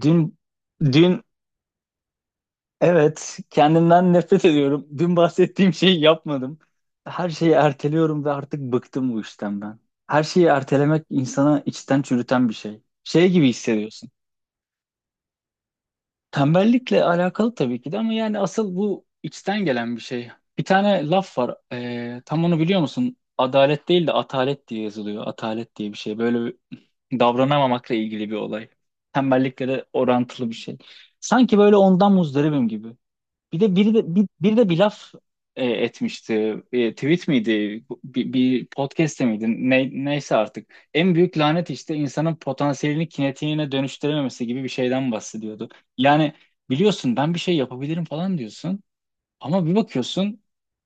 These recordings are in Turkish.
Dün, dün, evet, kendimden nefret ediyorum. Dün bahsettiğim şeyi yapmadım. Her şeyi erteliyorum ve artık bıktım bu işten ben. Her şeyi ertelemek insana içten çürüten bir şey. Şey gibi hissediyorsun. Tembellikle alakalı tabii ki de ama yani asıl bu içten gelen bir şey. Bir tane laf var. Tam onu biliyor musun? Adalet değil de atalet diye yazılıyor. Atalet diye bir şey. Böyle bir davranamamakla ilgili bir olay. Tembellikle de orantılı bir şey. Sanki böyle ondan muzdaribim gibi. Bir de biri de bir laf etmişti. Tweet miydi? Bir podcast'te miydi? Neyse artık. En büyük lanet işte insanın potansiyelini kinetiğine dönüştürememesi gibi bir şeyden bahsediyordu. Yani biliyorsun, ben bir şey yapabilirim falan diyorsun, ama bir bakıyorsun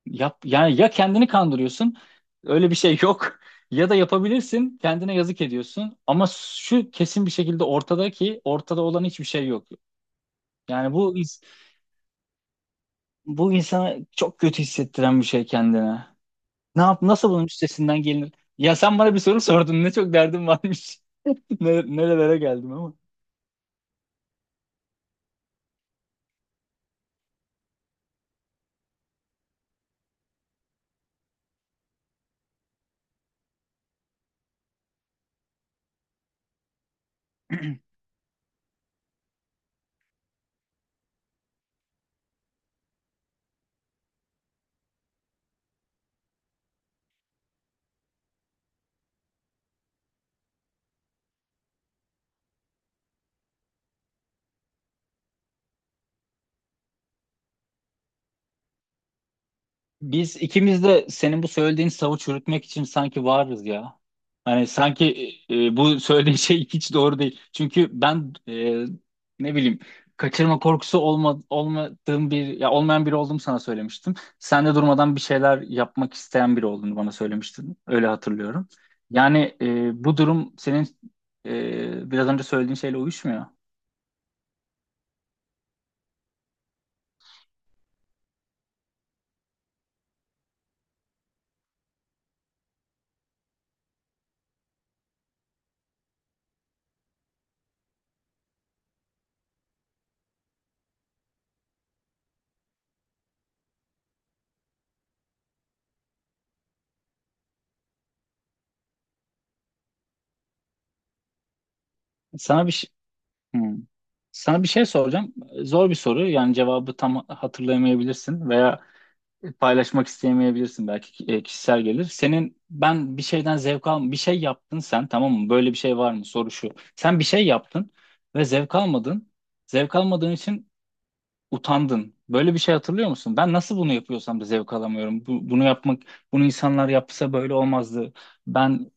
yap, yani ya kendini kandırıyorsun, öyle bir şey yok ya da yapabilirsin, kendine yazık ediyorsun, ama şu kesin bir şekilde ortada ki ortada olan hiçbir şey yok. Yani bu insana çok kötü hissettiren bir şey, kendine. Ne yap, nasıl bunun üstesinden gelinir? Ya sen bana bir soru sordun. Ne çok derdim varmış. Ne, Nerelere geldim ama. Biz ikimiz de senin bu söylediğin savı çürütmek için sanki varız ya. Hani sanki bu söylediğin şey hiç doğru değil. Çünkü ben, ne bileyim, kaçırma korkusu olmadığım bir, ya olmayan biri olduğumu sana söylemiştim. Sen de durmadan bir şeyler yapmak isteyen biri olduğunu bana söylemiştin. Öyle hatırlıyorum. Yani bu durum senin biraz önce söylediğin şeyle uyuşmuyor. Sana bir şey, hmm. Sana bir şey soracağım. Zor bir soru. Yani cevabı tam hatırlayamayabilirsin veya paylaşmak istemeyebilirsin, belki kişisel gelir. Senin, ben bir şeyden zevk al, bir şey yaptın sen, tamam mı? Böyle bir şey var mı? Soru şu. Sen bir şey yaptın ve zevk almadın. Zevk almadığın için utandın. Böyle bir şey hatırlıyor musun? Ben nasıl bunu yapıyorsam da zevk alamıyorum. Bunu yapmak, bunu insanlar yapsa böyle olmazdı. Ben,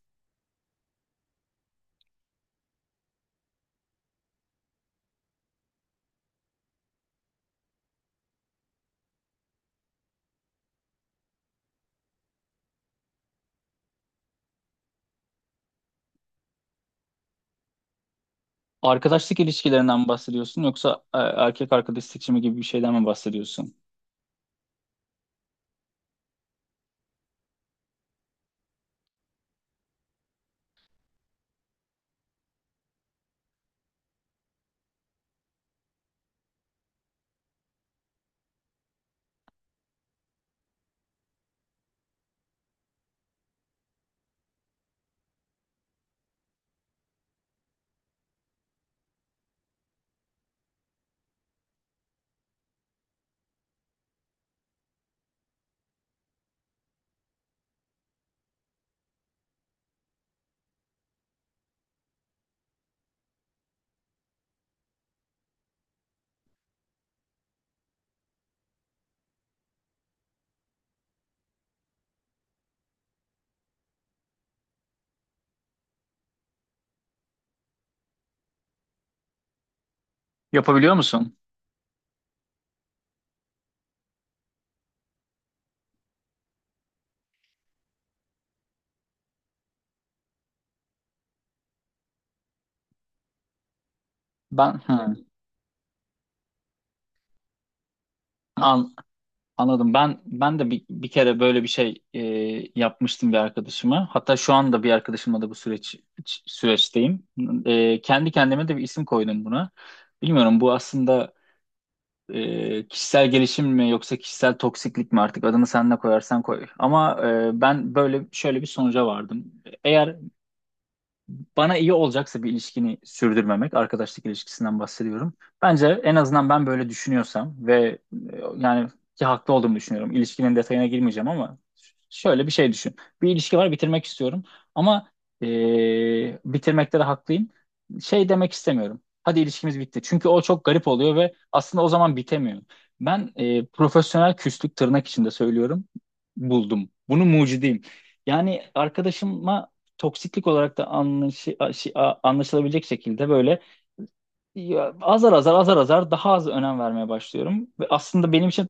arkadaşlık ilişkilerinden mi bahsediyorsun, yoksa erkek arkadaş seçimi gibi bir şeyden mi bahsediyorsun? Yapabiliyor musun? Ben hı, Anladım. Ben, ben de bir kere böyle bir şey yapmıştım bir arkadaşıma. Hatta şu anda bir arkadaşımla da bu süreçteyim. Kendi kendime de bir isim koydum buna. Bilmiyorum, bu aslında kişisel gelişim mi yoksa kişisel toksiklik mi, artık adını sen ne koyarsan koy. Ama ben böyle şöyle bir sonuca vardım. Eğer bana iyi olacaksa bir ilişkini sürdürmemek, arkadaşlık ilişkisinden bahsediyorum. Bence en azından ben böyle düşünüyorsam ve yani ki haklı olduğumu düşünüyorum. İlişkinin detayına girmeyeceğim ama şöyle bir şey düşün. Bir ilişki var, bitirmek istiyorum ama e, bitirmekte de haklıyım. Şey demek istemiyorum: hadi ilişkimiz bitti. Çünkü o çok garip oluyor ve aslında o zaman bitemiyor. Ben profesyonel küslük, tırnak içinde söylüyorum. Buldum. Bunu mucidiyim. Yani arkadaşıma toksiklik olarak da anlaşılabilecek şekilde böyle, ya, azar azar azar azar daha az önem vermeye başlıyorum. Ve aslında benim için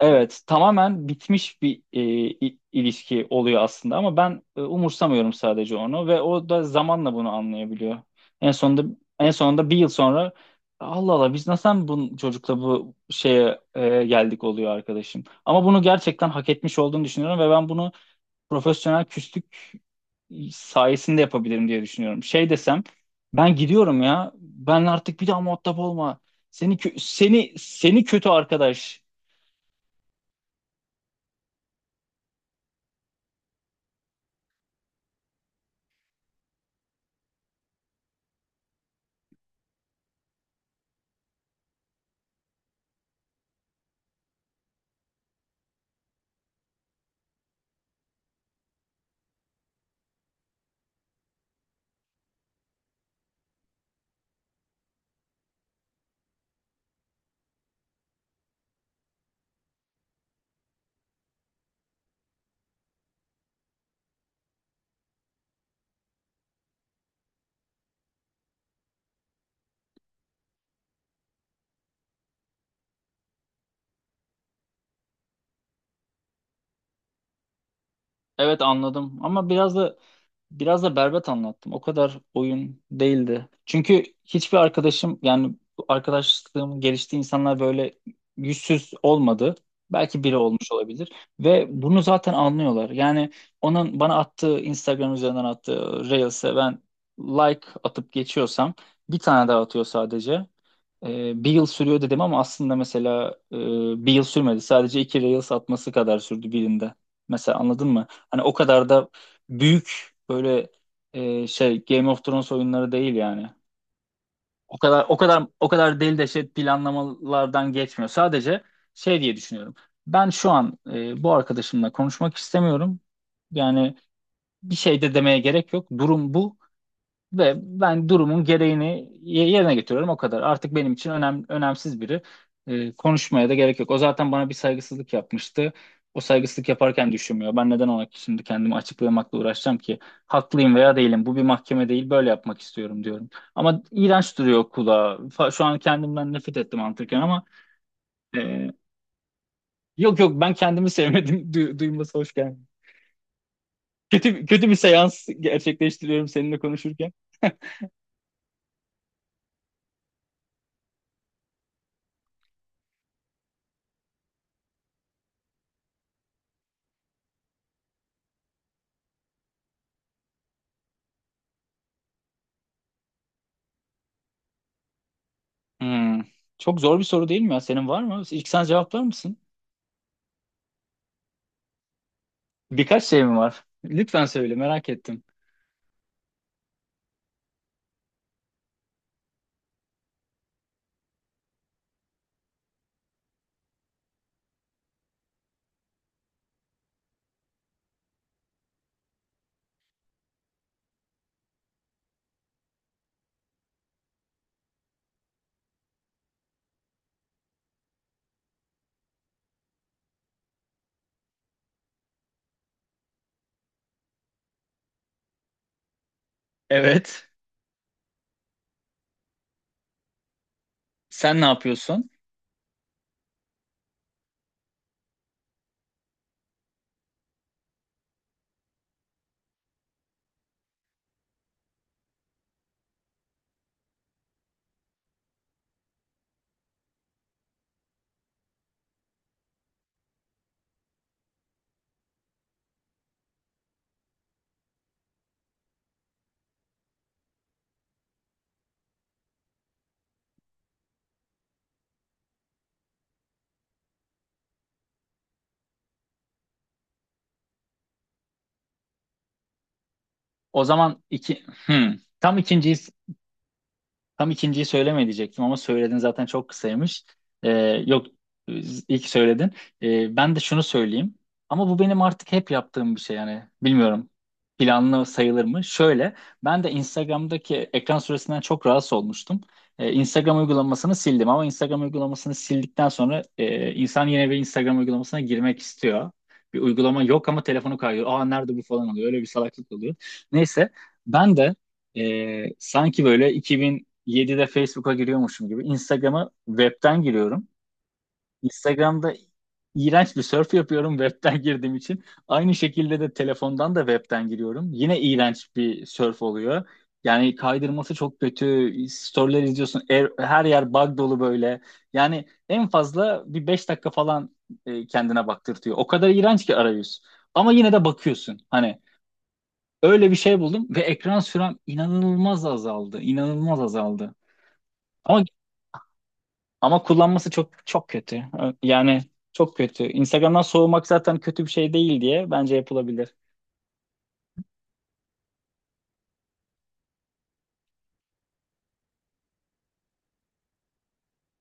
evet, tamamen bitmiş bir ilişki oluyor aslında, ama ben umursamıyorum sadece onu, ve o da zamanla bunu anlayabiliyor. En sonunda en sonunda bir yıl sonra, Allah Allah, biz nasıl bu çocukla bu şeye geldik, oluyor arkadaşım. Ama bunu gerçekten hak etmiş olduğunu düşünüyorum ve ben bunu profesyonel küslük sayesinde yapabilirim diye düşünüyorum. Şey desem, ben gidiyorum ya. Ben artık bir daha muhatap olma. Seni kö- seni seni kötü arkadaş. Evet, anladım ama biraz da berbat anlattım. O kadar oyun değildi. Çünkü hiçbir arkadaşım, yani arkadaşlığım geliştiği insanlar böyle yüzsüz olmadı. Belki biri olmuş olabilir. Ve bunu zaten anlıyorlar. Yani onun bana attığı, Instagram üzerinden attığı Reels'e ben like atıp geçiyorsam, bir tane daha atıyor sadece. Bir yıl sürüyor dedim ama aslında, mesela, bir yıl sürmedi. Sadece iki Reels atması kadar sürdü birinde. Mesela, anladın mı? Hani o kadar da büyük böyle Game of Thrones oyunları değil yani. O kadar, o kadar, o kadar deli deşet planlamalardan geçmiyor. Sadece şey diye düşünüyorum: ben şu an bu arkadaşımla konuşmak istemiyorum. Yani bir şey de demeye gerek yok. Durum bu. Ve ben durumun gereğini yerine getiriyorum, o kadar. Artık benim için önemsiz biri. Konuşmaya da gerek yok. O zaten bana bir saygısızlık yapmıştı. O saygısızlık yaparken düşünmüyor. Ben neden ona şimdi kendimi açıklamakla uğraşacağım ki? Haklıyım veya değilim, bu bir mahkeme değil. Böyle yapmak istiyorum diyorum. Ama iğrenç duruyor kulağa. Şu an kendimden nefret ettim anlatırken ama e, yok yok, ben kendimi sevmedim. Duyması hoş geldi. Kötü, kötü bir seans gerçekleştiriyorum seninle konuşurken. Hmm. Çok zor bir soru değil mi ya? Senin var mı? İlk sen cevaplar mısın? Birkaç şey mi var? Lütfen söyle, merak ettim. Evet. Sen ne yapıyorsun? O zaman iki... Hmm. Tam ikinciyi Tam ikinciyi söyleme diyecektim ama söyledin zaten, çok kısaymış. Ee, Yok, ilk söyledin. Ben de şunu söyleyeyim. Ama bu benim artık hep yaptığım bir şey yani. Bilmiyorum, planlı sayılır mı? Şöyle, ben de Instagram'daki ekran süresinden çok rahatsız olmuştum. Instagram uygulamasını sildim, ama Instagram uygulamasını sildikten sonra insan yine bir Instagram uygulamasına girmek istiyor. Bir uygulama yok ama telefonu kayıyor. Aa, nerede bu, falan oluyor. Öyle bir salaklık oluyor. Neyse, ben de sanki böyle 2000 7'de Facebook'a giriyormuşum gibi Instagram'a webten giriyorum. Instagram'da iğrenç bir surf yapıyorum webten girdiğim için. Aynı şekilde de telefondan da webten giriyorum. Yine iğrenç bir surf oluyor. Yani kaydırması çok kötü. Story'ler izliyorsun. Her yer bug dolu böyle. Yani en fazla bir 5 dakika falan kendine baktırtıyor. O kadar iğrenç ki arayüz. Ama yine de bakıyorsun. Hani öyle bir şey buldum ve ekran sürem inanılmaz azaldı. İnanılmaz azaldı. Ama, kullanması çok çok kötü. Yani çok kötü. Instagram'dan soğumak zaten kötü bir şey değil diye bence yapılabilir.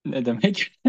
Ne demek?